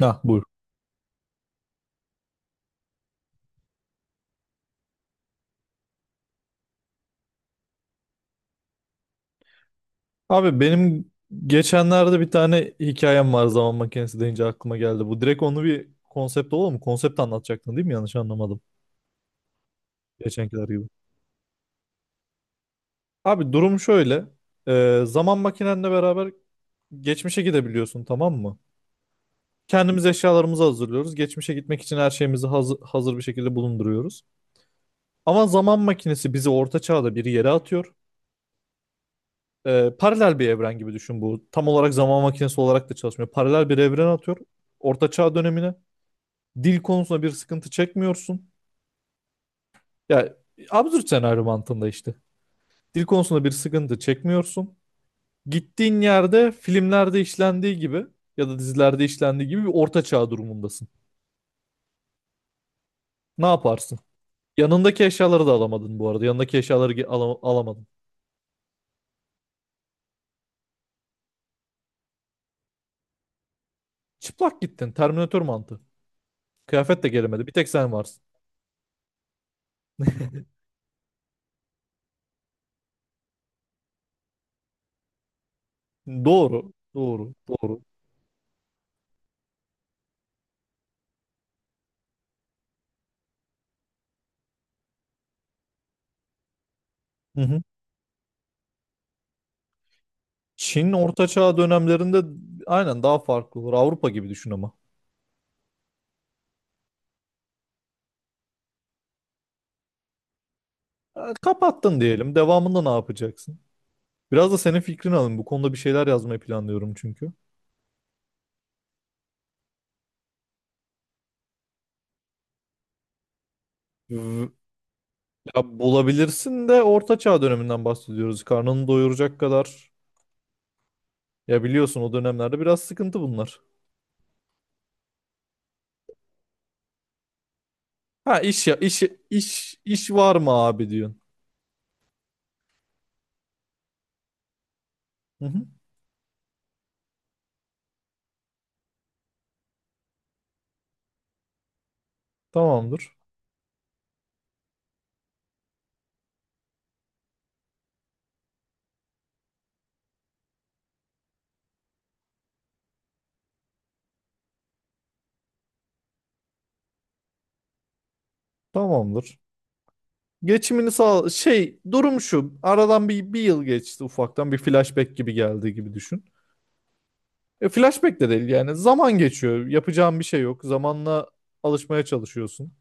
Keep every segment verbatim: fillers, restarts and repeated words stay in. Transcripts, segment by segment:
Ha, buyur. Abi benim geçenlerde bir tane hikayem var zaman makinesi deyince aklıma geldi. Bu direkt onu bir konsept olur mu? Konsept anlatacaktın değil mi? Yanlış anlamadım. Geçenkiler gibi. Abi durum şöyle. Ee, zaman makinenle beraber geçmişe gidebiliyorsun tamam mı? Kendimiz eşyalarımızı hazırlıyoruz. Geçmişe gitmek için her şeyimizi hazır, hazır bir şekilde bulunduruyoruz. Ama zaman makinesi bizi orta çağda bir yere atıyor. Ee, paralel bir evren gibi düşün bu. Tam olarak zaman makinesi olarak da çalışmıyor. Paralel bir evren atıyor. Orta çağ dönemine. Dil konusunda bir sıkıntı çekmiyorsun. Ya, absürt senaryo mantığında işte. Dil konusunda bir sıkıntı çekmiyorsun. Gittiğin yerde filmlerde işlendiği gibi ya da dizilerde işlendiği gibi bir orta çağ durumundasın. Ne yaparsın? Yanındaki eşyaları da alamadın bu arada. Yanındaki eşyaları ge- ala- alamadın. Çıplak gittin. Terminatör mantığı. Kıyafet de gelemedi. Bir tek sen varsın. Doğru. Doğru. Doğru. Hı hı. Çin orta çağ dönemlerinde aynen daha farklı olur. Avrupa gibi düşün ama. E, Kapattın diyelim. Devamında ne yapacaksın? Biraz da senin fikrini alayım. Bu konuda bir şeyler yazmayı planlıyorum çünkü. V- Ya bulabilirsin de Orta Çağ döneminden bahsediyoruz. Karnını doyuracak kadar. Ya, biliyorsun o dönemlerde biraz sıkıntı bunlar. Ha, iş ya, iş iş iş var mı abi diyorsun. Hı hı. Tamamdır. Tamamdır. Geçimini sağ şey durum şu. Aradan bir, bir yıl geçti, ufaktan bir flashback gibi geldi gibi düşün. E, flashback de değil yani, zaman geçiyor. Yapacağın bir şey yok. Zamanla alışmaya çalışıyorsun.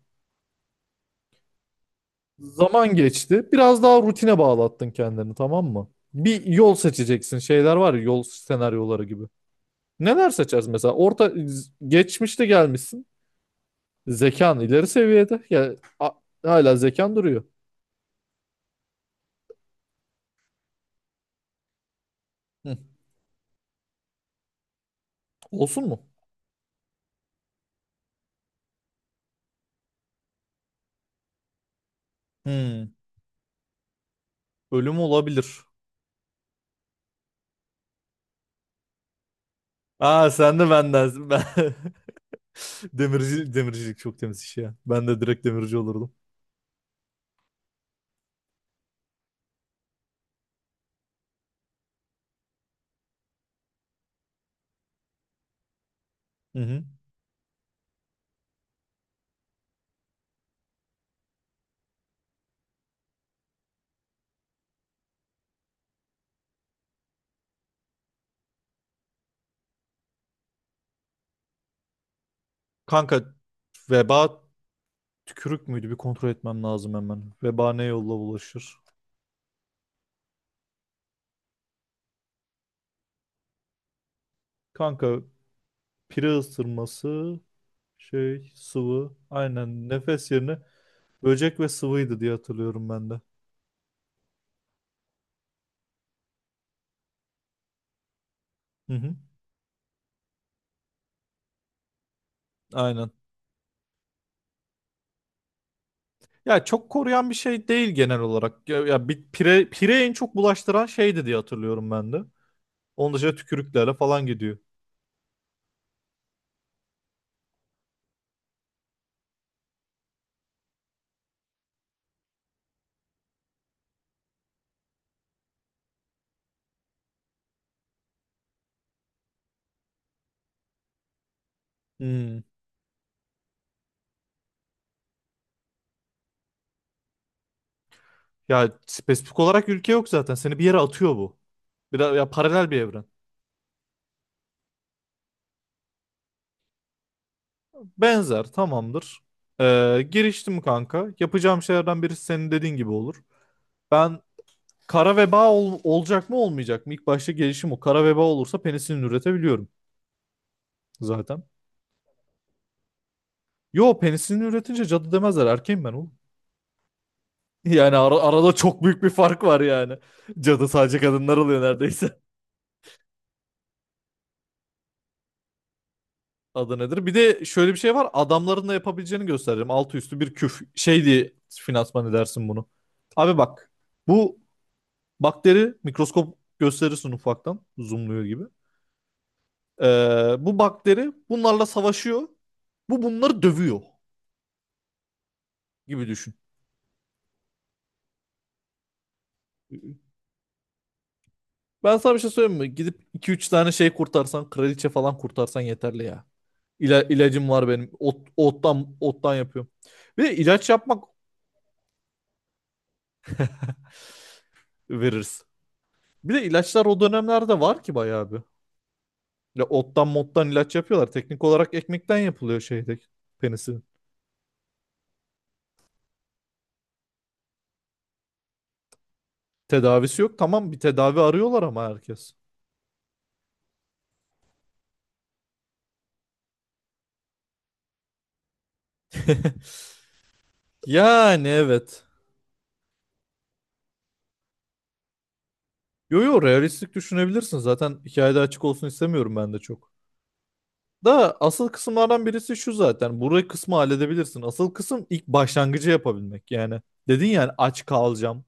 Zaman geçti. Biraz daha rutine bağlattın kendini tamam mı? Bir yol seçeceksin. Şeyler var ya, yol senaryoları gibi. Neler seçeriz mesela? Orta geçmişte gelmişsin. Zekan ileri seviyede. Ya, a- hala zekan duruyor. Hı. Olsun mu? Hmm. Ölüm olabilir. Aa, sen de benden. Ben... Demirci, demircilik çok temiz iş ya. Ben de direkt demirci olurdum. Hı hı. Kanka, veba tükürük müydü? Bir kontrol etmem lazım hemen. Veba ne yolla bulaşır? Kanka, pire ısırması, şey, sıvı, aynen, nefes yerine böcek ve sıvıydı diye hatırlıyorum ben de. Hı hı, aynen. Ya, çok koruyan bir şey değil genel olarak. Ya, ya, bir pire, pire en çok bulaştıran şeydi diye hatırlıyorum ben de. Onun dışında tükürüklerle falan gidiyor. Hmm. Ya spesifik olarak ülke yok zaten. Seni bir yere atıyor bu. Bir de- ya, paralel bir evren. Benzer, tamamdır. Ee, giriştim kanka. Yapacağım şeylerden birisi senin dediğin gibi olur. Ben, Kara veba ol- olacak mı olmayacak mı? İlk başta gelişim o. Kara veba olursa penisilin üretebiliyorum zaten. Yo, penisilin üretince cadı demezler. Erkeğim ben oğlum. Yani ara- arada çok büyük bir fark var yani. Cadı sadece kadınlar oluyor neredeyse. Adı nedir? Bir de şöyle bir şey var. Adamların da yapabileceğini göstereceğim. Altı üstü bir küf. Şey diye finansman edersin bunu. Abi bak. Bu bakteri, mikroskop gösterirsin ufaktan. Zoomluyor gibi. Ee, bu bakteri bunlarla savaşıyor. Bu bunları dövüyor gibi düşün. Ben sana bir şey söyleyeyim mi? Gidip iki üç tane şey kurtarsan, kraliçe falan kurtarsan yeterli ya. İla, ilacım var benim. Ot, ottan, ottan yapıyorum. Bir de ilaç yapmak, veririz. Bir de ilaçlar o dönemlerde var ki bayağı bir. Ya, ottan mottan ilaç yapıyorlar. Teknik olarak ekmekten yapılıyor şeyde, penisinin. Tedavisi yok. Tamam, bir tedavi arıyorlar ama herkes. Yani evet. Yo yo, realistik düşünebilirsin. Zaten hikayede açık olsun istemiyorum ben de çok. Da asıl kısımlardan birisi şu zaten. Burayı kısmı halledebilirsin. Asıl kısım ilk başlangıcı yapabilmek. Yani dedin yani, aç kalacağım,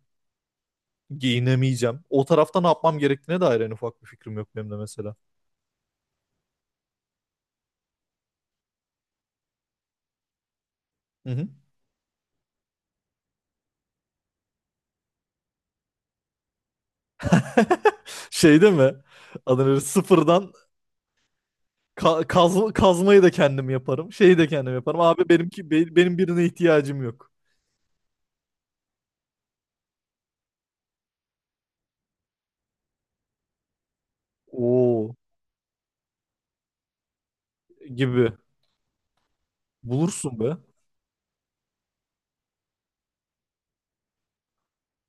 giyinemeyeceğim. O tarafta ne yapmam gerektiğine dair en ufak bir fikrim yok benim de mesela. Hı hı. Şeyde mi? Adını sıfırdan ka- kaz- kazmayı da kendim yaparım. Şeyi de kendim yaparım. Abi benimki, be- benim birine ihtiyacım yok. Oo gibi. Bulursun be.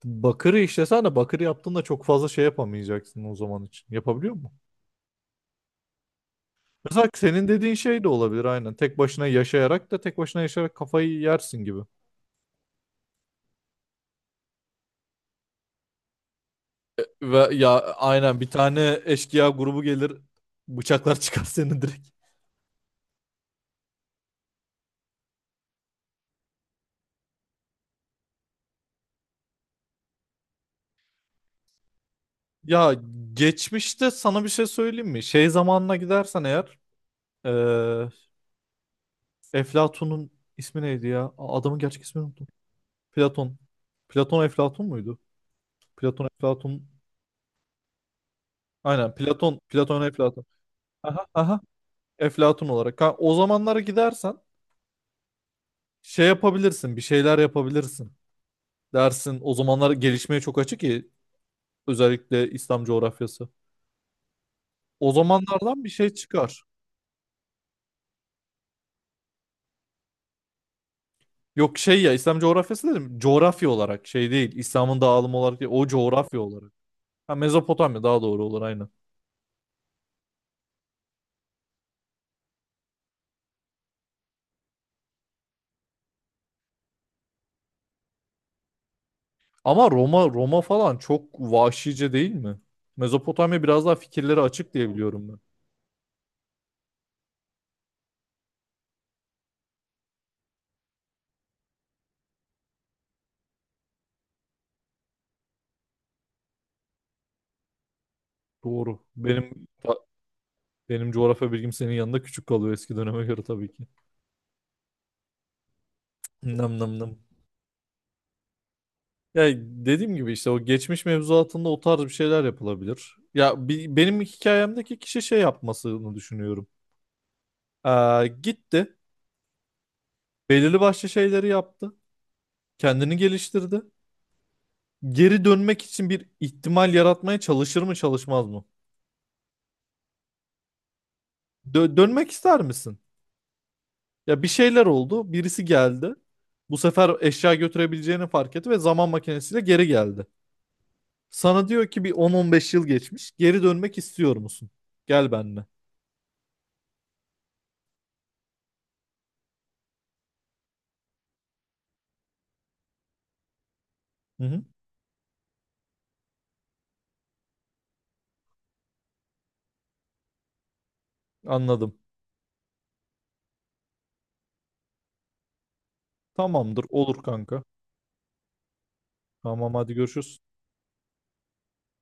Bakırı işlesene, bakırı yaptığında çok fazla şey yapamayacaksın o zaman için. Yapabiliyor. Mesela senin dediğin şey de olabilir aynen. Tek başına yaşayarak da tek başına yaşayarak kafayı yersin gibi. Ve ya aynen, bir tane eşkıya grubu gelir, bıçaklar çıkar seni direkt. Ya, geçmişte sana bir şey söyleyeyim mi? Şey zamanına gidersen eğer, eee Eflatun'un ismi neydi ya? A- Adamın gerçek ismini unuttum. Platon. Platon Eflatun muydu? Platon Eflatun. Aynen Platon. Platon Eflatun. Aha, aha. Eflatun olarak. Ha, o zamanlara gidersen şey yapabilirsin, bir şeyler yapabilirsin dersin. O zamanlar gelişmeye çok açık ki, özellikle İslam coğrafyası. O zamanlardan bir şey çıkar. Yok şey ya, İslam coğrafyası dedim. Coğrafya olarak şey değil. İslam'ın dağılımı olarak değil. O coğrafya olarak. Ha, Mezopotamya daha doğru olur aynı. Ama Roma Roma falan çok vahşice değil mi? Mezopotamya biraz daha fikirleri açık diye biliyorum ben. Doğru. Benim benim coğrafya bilgim senin yanında küçük kalıyor eski döneme göre tabii ki. Nam nam nam. Ya dediğim gibi işte, o geçmiş mevzuatında o tarz bir şeyler yapılabilir. Ya, bi- benim hikayemdeki kişi şey yapmasını düşünüyorum. Ee, gitti, belirli başlı şeyleri yaptı, kendini geliştirdi. Geri dönmek için bir ihtimal yaratmaya çalışır mı, çalışmaz mı? Dö- dönmek ister misin? Ya, bir şeyler oldu, birisi geldi. Bu sefer eşya götürebileceğini fark etti ve zaman makinesiyle geri geldi. Sana diyor ki bir on on beş yıl geçmiş, geri dönmek istiyor musun? Gel benimle. Hı hı, anladım. Tamamdır, olur kanka. Tamam hadi görüşürüz.